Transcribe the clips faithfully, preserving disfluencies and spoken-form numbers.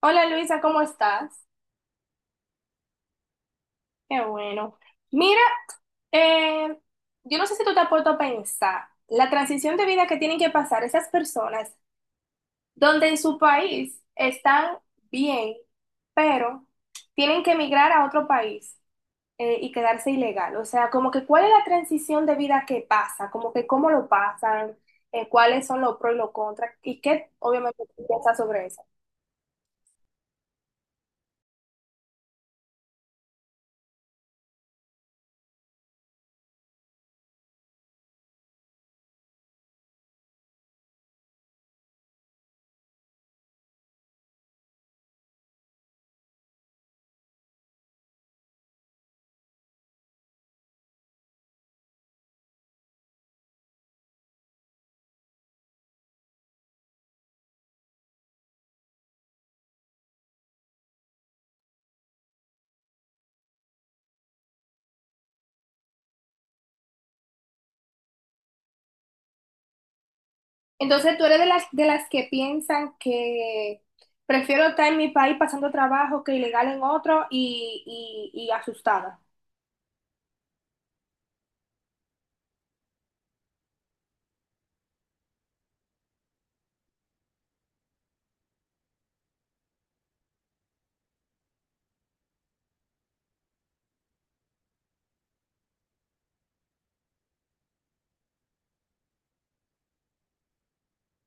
Hola Luisa, ¿cómo estás? Qué bueno. Mira, eh, yo no sé si tú te has puesto a pensar la transición de vida que tienen que pasar esas personas donde en su país están bien, pero tienen que emigrar a otro país eh, y quedarse ilegal. O sea, como que cuál es la transición de vida que pasa, como que cómo lo pasan, eh, cuáles son los pros y los contras y qué obviamente tú piensas sobre eso. Entonces, tú eres de las, de las que piensan que prefiero estar en mi país pasando trabajo que ilegal en otro y, y, y asustada.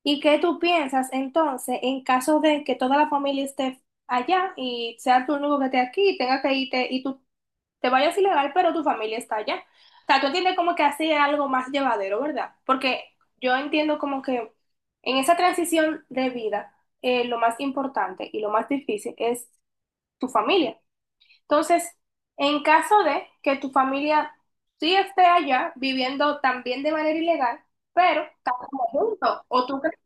¿Y qué tú piensas entonces en caso de que toda la familia esté allá y sea tú el único que esté aquí y tenga que irte y tú te vayas ilegal, pero tu familia está allá? O sea, tú entiendes como que así es algo más llevadero, ¿verdad? Porque yo entiendo como que en esa transición de vida, eh, lo más importante y lo más difícil es tu familia. Entonces, en caso de que tu familia sí esté allá viviendo también de manera ilegal, pero están como juntos, o tú crees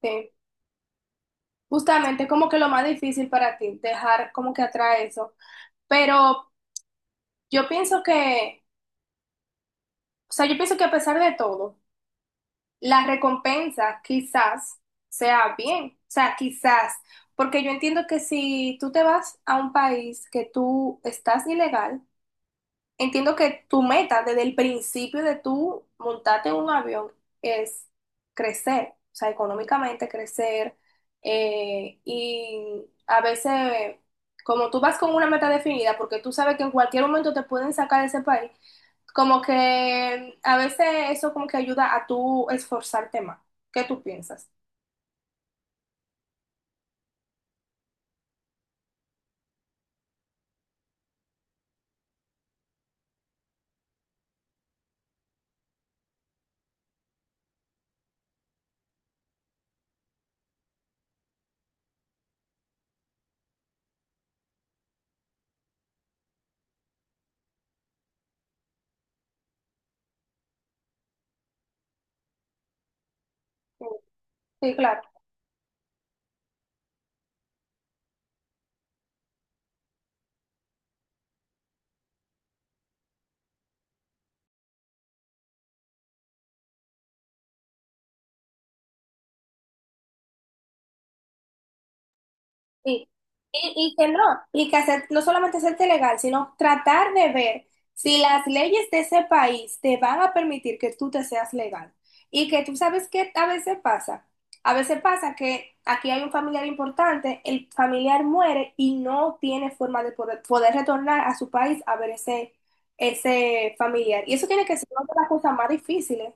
que sí, justamente como que lo más difícil para ti, dejar como que atrás eso. Pero yo pienso que, o sea, yo pienso que a pesar de todo, la recompensa quizás sea bien, o sea, quizás, porque yo entiendo que si tú te vas a un país que tú estás ilegal, entiendo que tu meta desde el principio de tú montarte en un avión es crecer, o sea, económicamente crecer. Eh, y a veces, como tú vas con una meta definida, porque tú sabes que en cualquier momento te pueden sacar de ese país, como que a veces eso como que ayuda a tú esforzarte más. ¿Qué tú piensas? Sí, claro. Sí. Y, y que no, y que hacer, no solamente hacerte legal, sino tratar de ver si las leyes de ese país te van a permitir que tú te seas legal. Y que tú sabes que a veces pasa. A veces pasa que aquí hay un familiar importante, el familiar muere y no tiene forma de poder, poder retornar a su país a ver ese, ese familiar. Y eso tiene que ser una de las cosas más difíciles.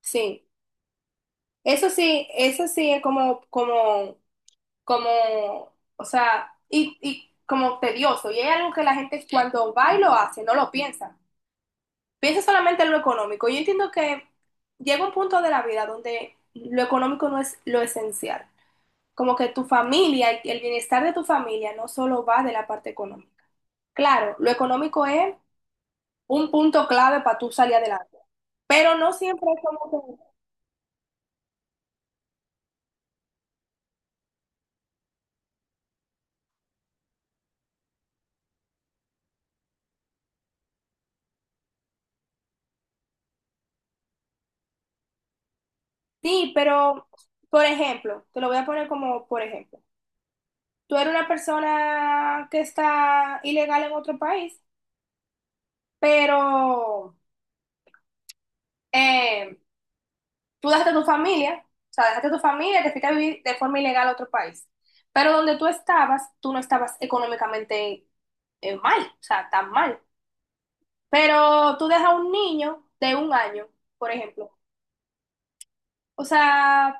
Sí. Eso sí, eso sí es como, como como, o sea, y, y como tedioso. Y hay algo que la gente cuando va y lo hace, no lo piensa. Piensa solamente en lo económico. Yo entiendo que llega un punto de la vida donde lo económico no es lo esencial. Como que tu familia, el bienestar de tu familia no solo va de la parte económica. Claro, lo económico es un punto clave para tú salir adelante. Pero no siempre es como que... Sí, pero, por ejemplo, te lo voy a poner como por ejemplo. Tú eres una persona que está ilegal en otro país, pero eh, tú dejaste a tu familia, o sea, dejaste a tu familia y te fuiste a vivir de forma ilegal a otro país. Pero donde tú estabas, tú no estabas económicamente eh, mal, o sea, tan mal. Pero tú dejas a un niño de un año, por ejemplo. O sea,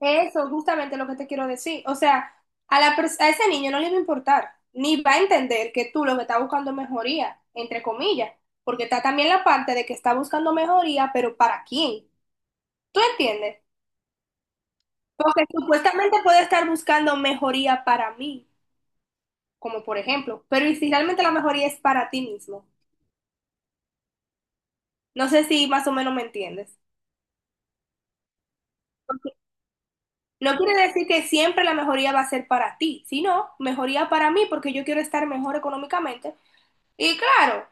eso, justamente lo que te quiero decir. O sea, a la pers- a ese niño no le va a importar, ni va a entender que tú lo que estás buscando es mejoría, entre comillas, porque está también la parte de que está buscando mejoría, pero ¿para quién? ¿Tú entiendes? Porque supuestamente puede estar buscando mejoría para mí, como por ejemplo, pero ¿y si realmente la mejoría es para ti mismo? No sé si más o menos me entiendes. No quiere decir que siempre la mejoría va a ser para ti, sino mejoría para mí porque yo quiero estar mejor económicamente. Y claro.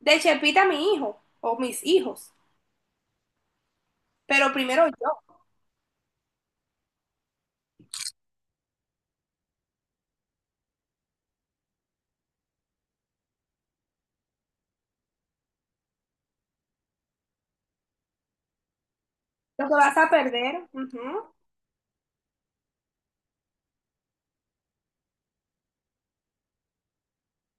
De Chepita mi hijo o mis hijos, pero primero yo. Lo que vas a perder, ujú.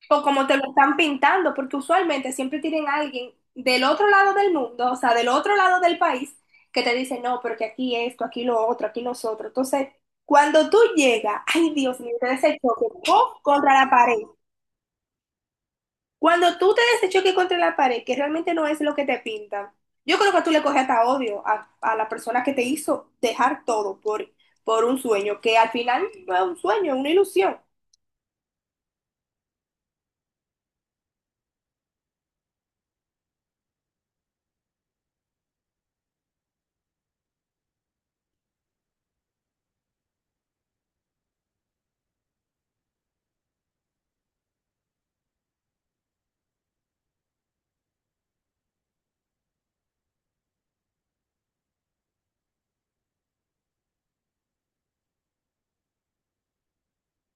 O como te lo están pintando, porque usualmente siempre tienen a alguien del otro lado del mundo, o sea, del otro lado del país, que te dice, no, porque aquí esto, aquí lo otro, aquí nosotros. Entonces, cuando tú llegas, ay Dios mío, te des el choque, ¡pum, contra la pared! Cuando tú te des ese choque contra la pared, que realmente no es lo que te pintan, yo creo que tú le coges hasta odio a, a la persona que te hizo dejar todo por, por un sueño, que al final no es un sueño, es una ilusión.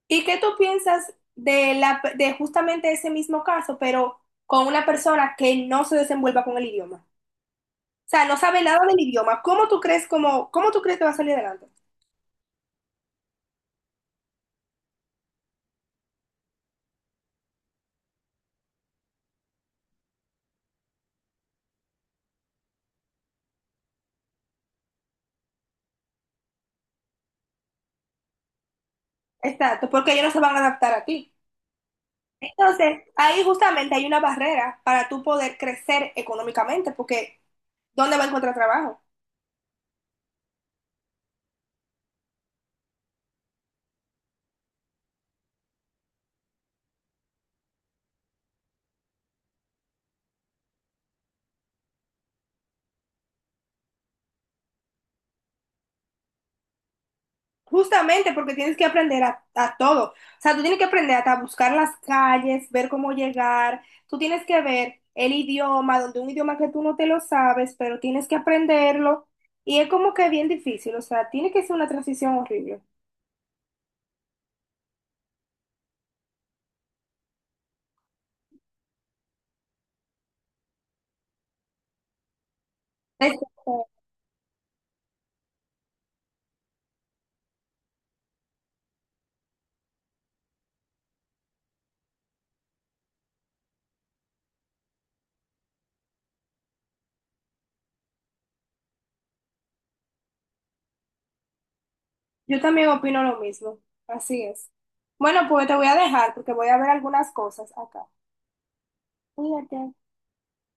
¿Y qué tú piensas de, la, de justamente ese mismo caso, pero con una persona que no se desenvuelva con el idioma? O sea, no sabe nada del idioma. ¿Cómo tú crees, cómo, cómo tú crees que va a salir adelante? Exacto, porque ellos no se van a adaptar a ti. Entonces, ahí justamente hay una barrera para tú poder crecer económicamente, porque ¿dónde va a encontrar trabajo? Justamente porque tienes que aprender a, a todo. O sea, tú tienes que aprender hasta a buscar las calles, ver cómo llegar, tú tienes que ver el idioma, donde un idioma que tú no te lo sabes, pero tienes que aprenderlo. Y es como que bien difícil, o sea, tiene que ser una transición horrible. Es- Yo también opino lo mismo, así es. Bueno, pues te voy a dejar porque voy a ver algunas cosas acá. Cuídate.